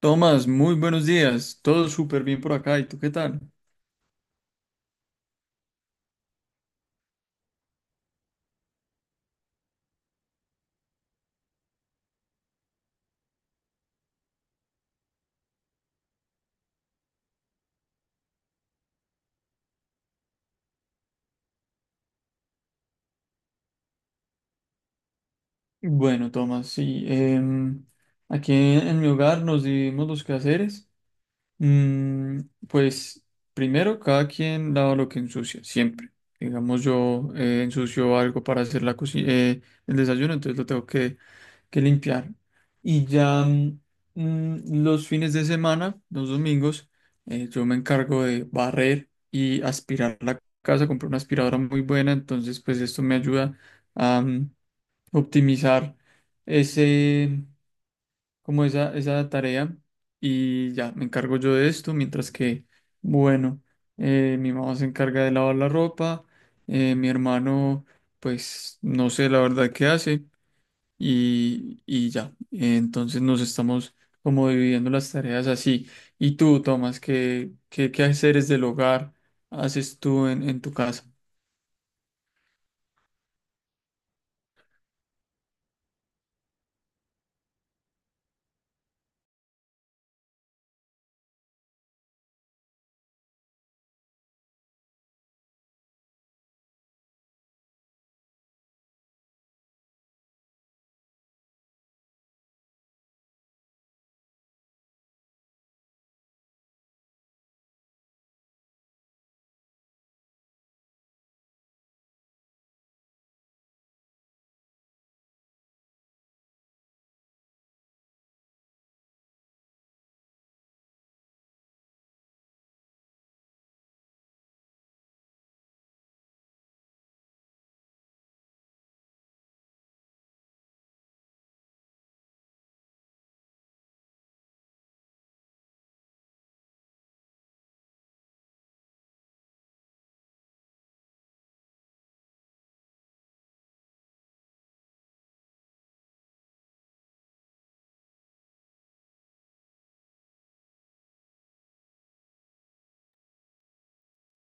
Tomás, muy buenos días. Todo súper bien por acá. ¿Y tú qué tal? Bueno, Tomás, sí. Aquí en mi hogar nos dividimos los quehaceres. Mm, pues primero, cada quien lava lo que ensucia, siempre. Digamos, yo ensucio algo para hacer la el desayuno, entonces lo tengo que limpiar. Y ya los fines de semana, los domingos, yo me encargo de barrer y aspirar la casa. Compré una aspiradora muy buena, entonces pues esto me ayuda a optimizar ese, como esa tarea. Y ya me encargo yo de esto, mientras que, bueno, mi mamá se encarga de lavar la ropa, mi hermano, pues no sé la verdad qué hace y ya. Entonces nos estamos como dividiendo las tareas así. ¿Y tú, Tomás, qué haces del hogar haces tú en tu casa?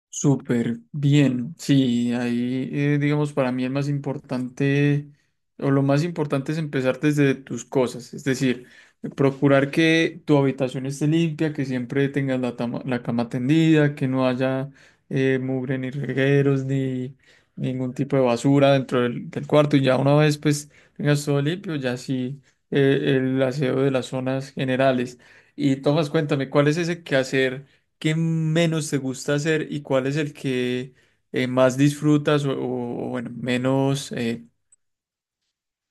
Súper bien, sí, ahí digamos para mí el más importante o lo más importante es empezar desde tus cosas, es decir, procurar que tu habitación esté limpia, que siempre tengas la cama tendida, que no haya mugre ni regueros ni ningún tipo de basura dentro del cuarto y ya una vez pues tengas todo limpio, ya sí el aseo de las zonas generales. Y Tomás, cuéntame, ¿cuál es ese quehacer? ¿Qué menos te gusta hacer y cuál es el que más disfrutas o, bueno,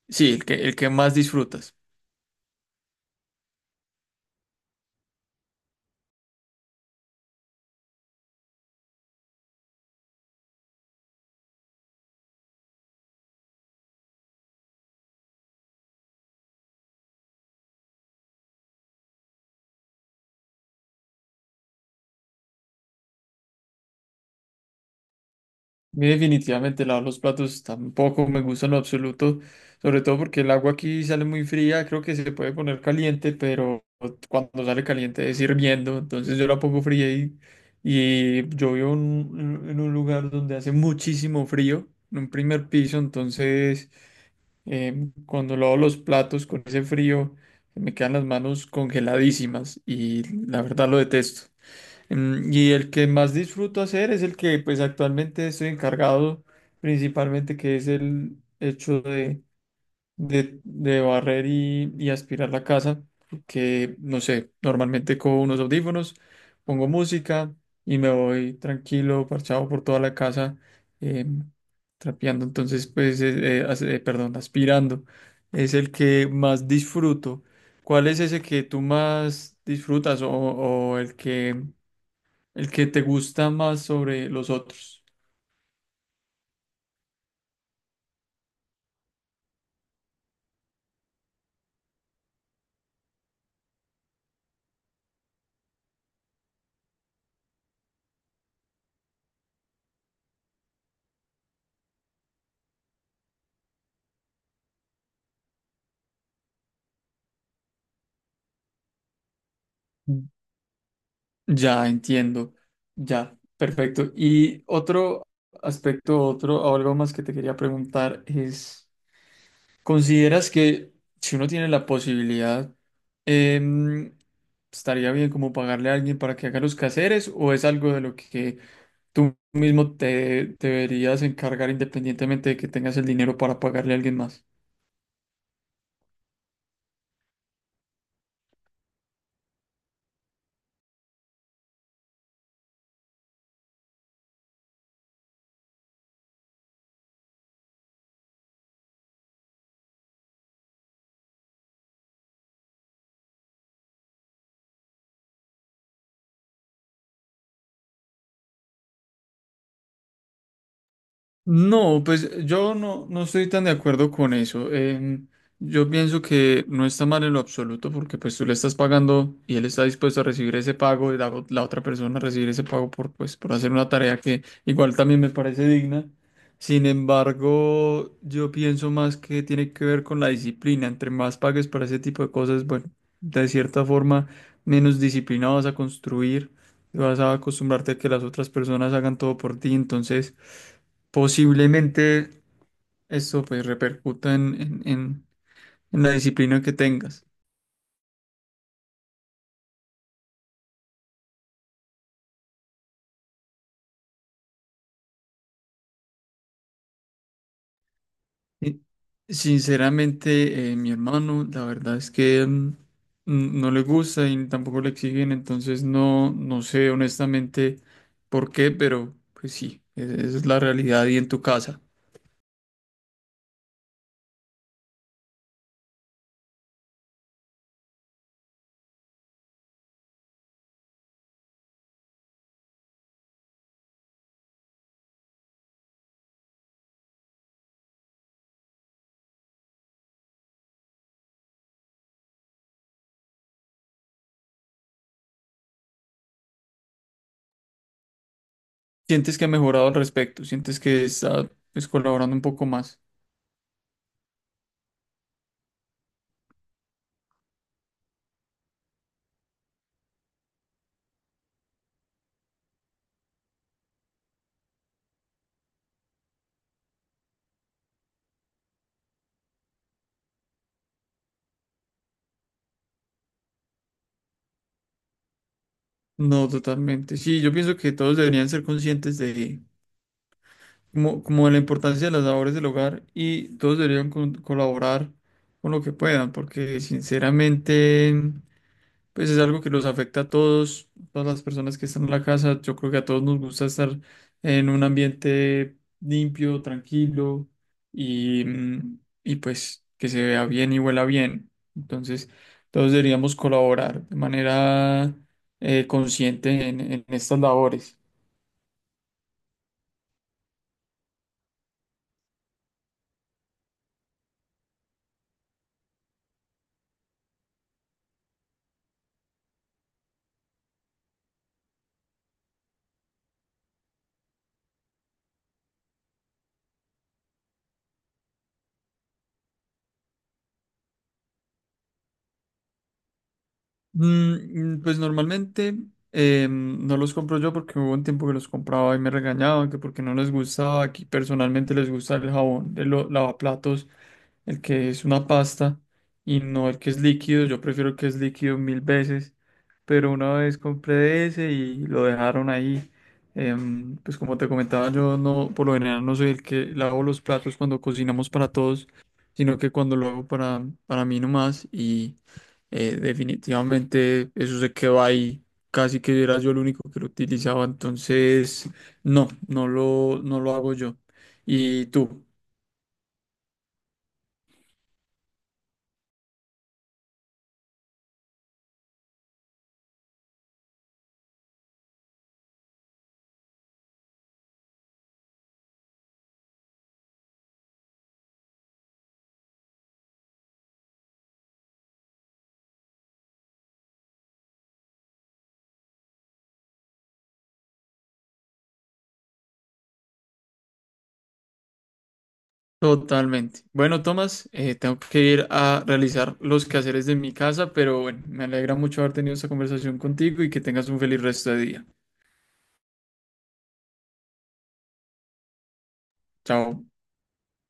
sí, el que más disfrutas? A mí definitivamente lavar los platos tampoco me gusta en lo absoluto, sobre todo porque el agua aquí sale muy fría, creo que se puede poner caliente, pero cuando sale caliente es hirviendo, entonces yo la pongo fría y yo vivo en un lugar donde hace muchísimo frío, en un primer piso, entonces cuando lavo los platos con ese frío, me quedan las manos congeladísimas y la verdad lo detesto. Y el que más disfruto hacer es el que pues actualmente estoy encargado principalmente, que es el hecho de de barrer y aspirar la casa, porque, no sé, normalmente con unos audífonos, pongo música y me voy tranquilo, parchado por toda la casa, eh, trapeando, entonces, pues, perdón, aspirando. Es el que más disfruto. ¿Cuál es ese que tú más disfrutas o el que te gusta más sobre los otros? Ya entiendo, ya, perfecto. Y otro aspecto, otro, o algo más que te quería preguntar es, ¿consideras que si uno tiene la posibilidad, em, estaría bien como pagarle a alguien para que haga los quehaceres o es algo de lo que tú mismo te deberías encargar independientemente de que tengas el dinero para pagarle a alguien más? No, pues yo no estoy tan de acuerdo con eso. Yo pienso que no está mal en lo absoluto porque pues tú le estás pagando y él está dispuesto a recibir ese pago y la otra persona a recibir ese pago por, pues, por hacer una tarea que igual también me parece digna. Sin embargo, yo pienso más que tiene que ver con la disciplina. Entre más pagues para ese tipo de cosas, bueno, de cierta forma, menos disciplina vas a construir, vas a acostumbrarte a que las otras personas hagan todo por ti. Entonces posiblemente esto pues repercuta en la disciplina que tengas. Y, sinceramente, mi hermano, la verdad es que no le gusta y tampoco le exigen, entonces no sé honestamente por qué, pero pues sí, esa es la realidad y en tu casa. ¿Sientes que ha mejorado al respecto? ¿Sientes que está, pues, colaborando un poco más? No, totalmente. Sí, yo pienso que todos deberían ser conscientes de como de la importancia de las labores del hogar y todos deberían colaborar con lo que puedan, porque sinceramente, pues es algo que los afecta a todos, todas las personas que están en la casa. Yo creo que a todos nos gusta estar en un ambiente limpio, tranquilo y, y pues que se vea bien y huela bien. Entonces, todos deberíamos colaborar de manera consciente en estas labores. Pues normalmente no los compro yo porque hubo un tiempo que los compraba y me regañaban que porque no les gustaba. Aquí personalmente les gusta el jabón de los lavaplatos, el que es una pasta y no el que es líquido. Yo prefiero el que es líquido mil veces, pero una vez compré ese y lo dejaron ahí. Pues como te comentaba, yo no, por lo general no soy el que lavo los platos cuando cocinamos para todos, sino que cuando lo hago para mí nomás y definitivamente eso se quedó ahí. Casi que era yo el único que lo utilizaba. Entonces, no lo hago yo. Y tú, totalmente. Bueno, Tomás, tengo que ir a realizar los quehaceres de mi casa, pero bueno, me alegra mucho haber tenido esta conversación contigo y que tengas un feliz resto de día. Chao.